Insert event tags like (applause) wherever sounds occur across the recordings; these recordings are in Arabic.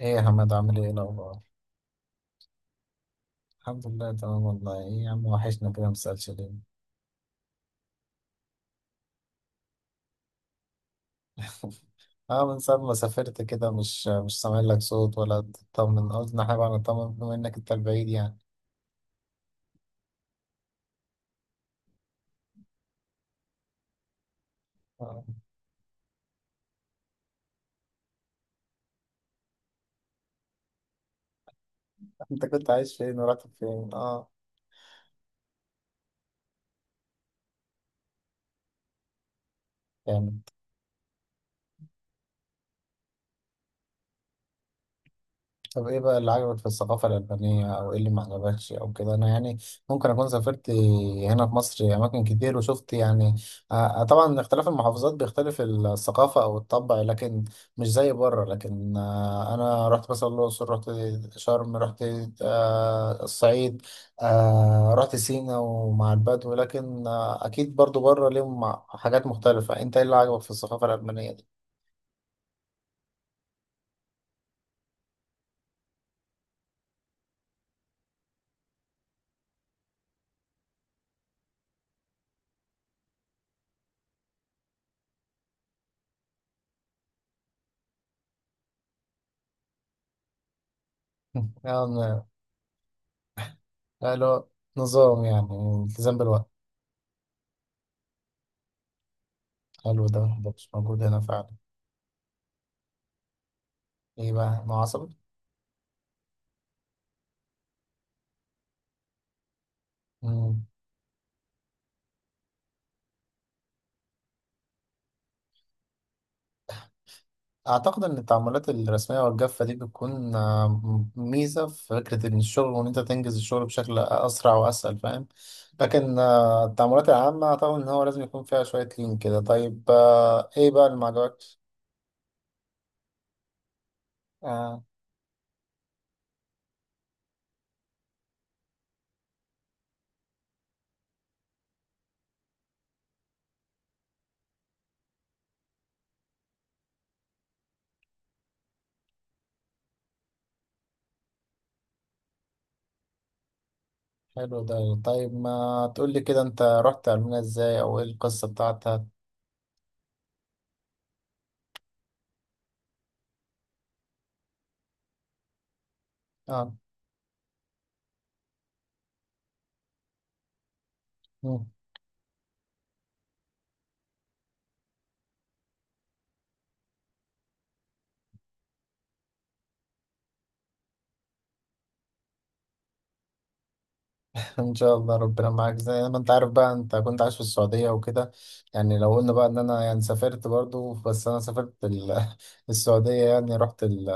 ايه يا حماد، عامل ايه الاخبار؟ الحمد لله تمام والله. ايه يا عم، وحشنا كده، مسألش ليه؟ (laughs) اه، من ساعة ما سافرت كده مش سامع لك صوت ولا تطمن. قلت احنا بقى نطمن، بما انك انت البعيد يعني. آه. (laughs) انت كنت عايش فين ورحت فين؟ اه، يعني. طب ايه بقى اللي عجبك في الثقافة الألبانية، أو ايه اللي ما عجبكش أو كده؟ أنا يعني ممكن أكون سافرت هنا في مصر أماكن كتير وشفت يعني. آه، آه، طبعا اختلاف المحافظات بيختلف الثقافة أو الطبع، لكن مش زي بره. لكن آه، أنا رحت مثلا الأقصر، رحت شرم، رحت آه، الصعيد، آه، رحت سينا ومع البدو، لكن آه، أكيد برضو بره ليهم حاجات مختلفة. أنت ايه اللي عجبك في الثقافة الألبانية دي؟ (laughs) يعني آه، اللي هو نظام، يعني التزام بالوقت. حلو ده مش موجود هنا فعلا. ايه بقى، ما عصبي؟ مم. اعتقد ان التعاملات الرسميه والجافه دي بتكون آه، ميزه في فكره ان الشغل، وان انت تنجز الشغل بشكل اسرع واسهل، فاهم؟ لكن آه، التعاملات العامه اعتقد ان هو لازم يكون فيها شويه لين كده. طيب آه، ايه بقى اللي ما عجبكش؟ آه. حلو ده. طيب ما تقول لي كده، انت رحت علمنا ازاي، او ايه القصه بتاعتها؟ اه. ان شاء الله، ربنا معاك. زي ما انت عارف بقى، انت كنت عايش في السعودية وكده، يعني لو قلنا بقى ان انا يعني سافرت برضو، بس انا سافرت السعودية. يعني رحت ال-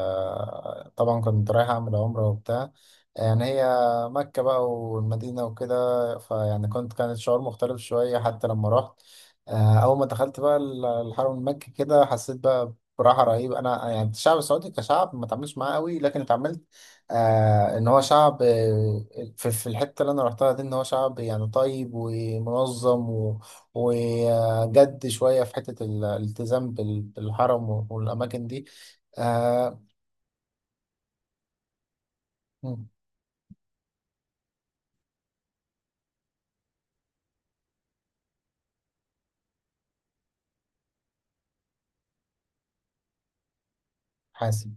طبعا كنت رايح أعمل عمرة وبتاع. يعني هي مكة بقى والمدينة وكده. فيعني كنت، كان الشعور مختلف شوية حتى لما رحت. آه، أول ما دخلت بقى الحرم المكي كده، حسيت بقى براحة رهيبة. أنا يعني الشعب السعودي كشعب ما اتعاملش معاه قوي، لكن اتعاملت. آه، إن هو شعب آه، في الحتة اللي أنا رحتها دي، إن هو شعب يعني طيب ومنظم، وجد شوية في حتة الالتزام بالحرم والأماكن دي. آه. مم. حاسب.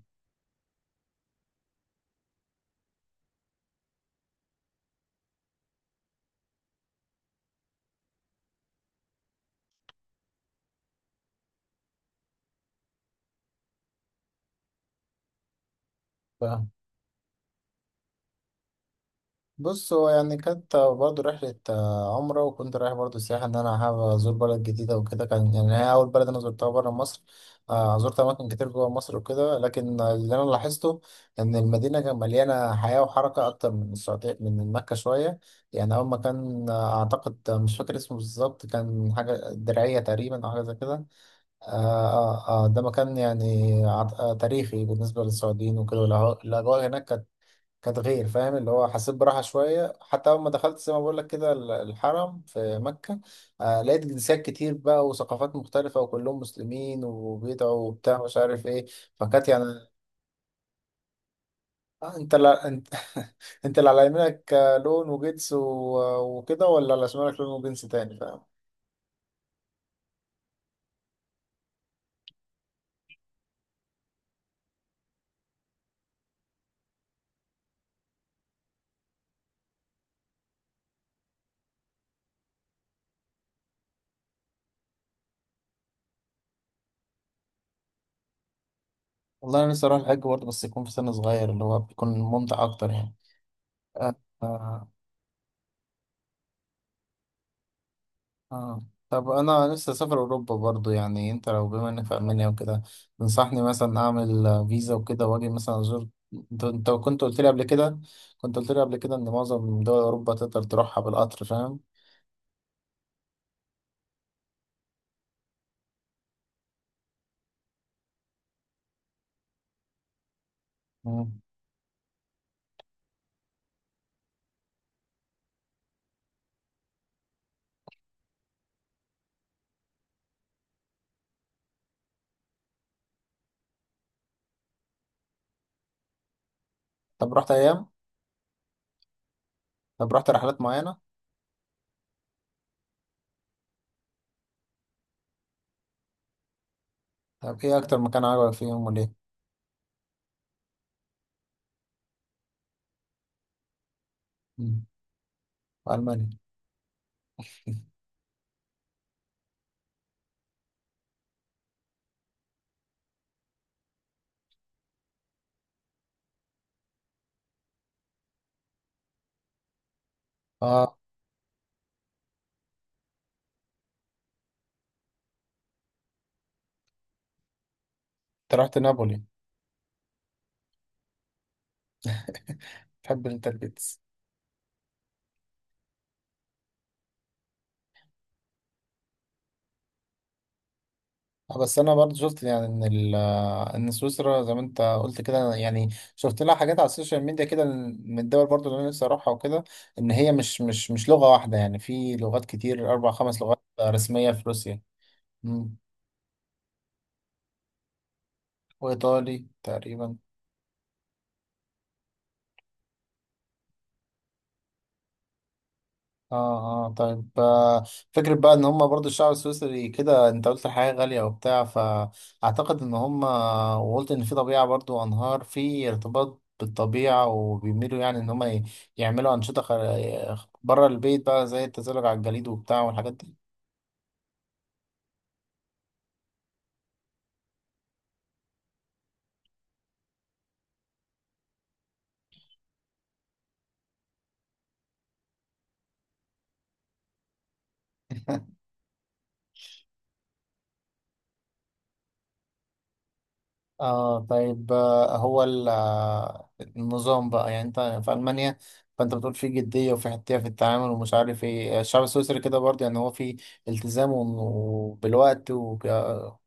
بص، هو يعني كانت برضه رحلة آه، عمرة، وكنت رايح برضه سياحة، إن أنا حابب أزور بلد جديدة وكده. كان يعني هي أول بلد أنا زرتها برا مصر. آه، زرت أماكن كتير جوا مصر وكده، لكن اللي أنا لاحظته إن المدينة كانت مليانة حياة وحركة أكتر من السعودية، من مكة شوية. يعني أول ما كان آه، أعتقد آه، مش فاكر اسمه بالظبط، كان حاجة درعية تقريبا أو حاجة زي كده. آه، آه، آه، ده مكان يعني تاريخي بالنسبة للسعوديين وكده. الأجواء هناك كانت، كانت غير، فاهم؟ اللي هو حسيت براحة شوية، حتى أول ما دخلت زي ما بقول لك كده الحرم في مكة. آه، لقيت جنسيات كتير بقى وثقافات مختلفة، وكلهم مسلمين وبيدعوا وبتاع، مش عارف إيه. فكانت يعني آه، أنت، لا أنت (laughs) أنت اللي على يمينك آه، لون وجنس وكده، ولا على شمالك لون وجنس تاني، فاهم؟ والله، أنا نفسي أروح الحج برضه، بس يكون في سن صغير، اللي هو بيكون ممتع أكتر يعني. آه. اه. طب انا لسه سافر اوروبا برضو، يعني انت لو، بما انك في المانيا وكده، تنصحني مثلا اعمل فيزا وكده واجي مثلا ازور؟ انت كنت قلت لي قبل كده، كنت قلت لي قبل كده ان معظم دول اوروبا تقدر تروحها بالقطر، فاهم؟ مم. طب رحت ايام طب رحت رحلات معينة؟ طب ايه اكتر مكان عجبك فيهم وليه؟ مم. في المانيا. اه، انت رحت نابولي؟ تحب انت البيتس؟ بس انا برضه شفت يعني ان سويسرا زي ما انت قلت كده، يعني شفت لها حاجات على السوشيال ميديا كده، من الدول برضه اللي انا نفسي اروحها وكده. ان هي مش لغة واحدة، يعني في لغات كتير، 4 5 لغات رسمية في روسيا. مم. وايطالي تقريبا. اه، اه، طيب آه، فكرة بقى ان هم برضو الشعب السويسري كده، انت قلت الحياة غالية وبتاع. فاعتقد ان هم، وقلت ان في طبيعة برضو، انهار، في ارتباط بالطبيعة، وبيميلوا يعني ان هم يعملوا انشطة بره البيت بقى، زي التزلج على الجليد وبتاع والحاجات دي. اه، طيب آه، هو ال- آه، النظام بقى، يعني انت في المانيا، فانت بتقول في جديه وفي حتيه في التعامل ومش عارف ايه. آه، الشعب السويسري كده برضه، يعني هو في التزام وبالوقت وكده؟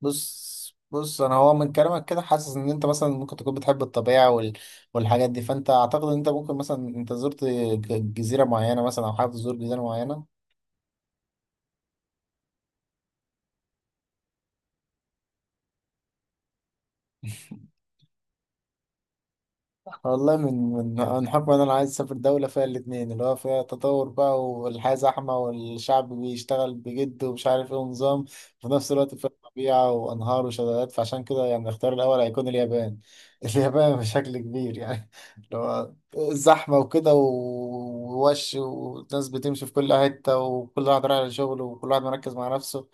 بص، بص، انا هو من كلامك كده حاسس ان انت مثلا ممكن تكون بتحب الطبيعه وال- والحاجات دي، فانت اعتقد ان انت ممكن، مثلا انت زرت جزيره معينه، مثلا او حابب تزور جزيره معينه. (laughs) والله، من حب انا عايز اسافر دوله فيها الاتنين، اللي هو فيها تطور بقى، والحياه زحمه، والشعب بيشتغل بجد ومش عارف ايه ونظام، في نفس الوقت فيها طبيعه وانهار وشلالات. فعشان كده يعني الاختيار الاول هيكون اليابان. (laughs) اليابان بشكل كبير، يعني اللي هو الزحمه وكده ووش، والناس بتمشي في كل حته، وكل واحد رايح لشغله، وكل واحد مركز مع نفسه.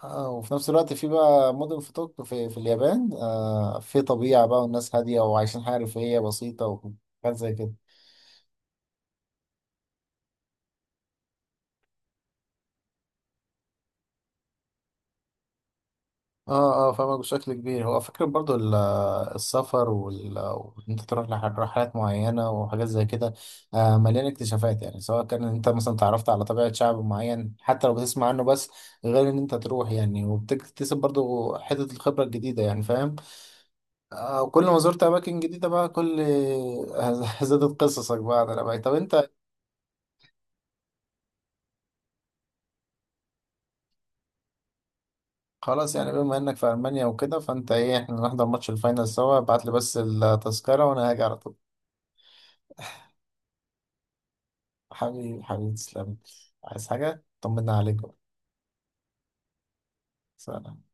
آه، وفي نفس الوقت في بقى مدن في طوكيو، في اليابان، آه، في طبيعة بقى، والناس هادية وعايشين حياة رفاهية بسيطة وحاجات زي كده. اه، اه، فاهمك بشكل كبير. هو فكرة برضو السفر، وإن انت تروح لرحلات معينة وحاجات زي كده، آه، مليانة اكتشافات، يعني سواء كان انت مثلا تعرفت على طبيعة شعب معين حتى لو بتسمع عنه بس، غير ان انت تروح يعني، وبتكتسب برضو حتة الخبرة الجديدة، يعني فاهم؟ آه، كل ما زرت أماكن جديدة بقى كل (laughs) زادت قصصك بقى على الأماكن. طب أنت، خلاص يعني بما إنك في ألمانيا وكده، فأنت إيه، إحنا نحضر ماتش الفاينل سوا؟ ابعت لي بس التذكرة وأنا هاجي على طول. حبيبي، حبيبي، تسلم. عايز حاجة، طمنا عليك بقى. سلام.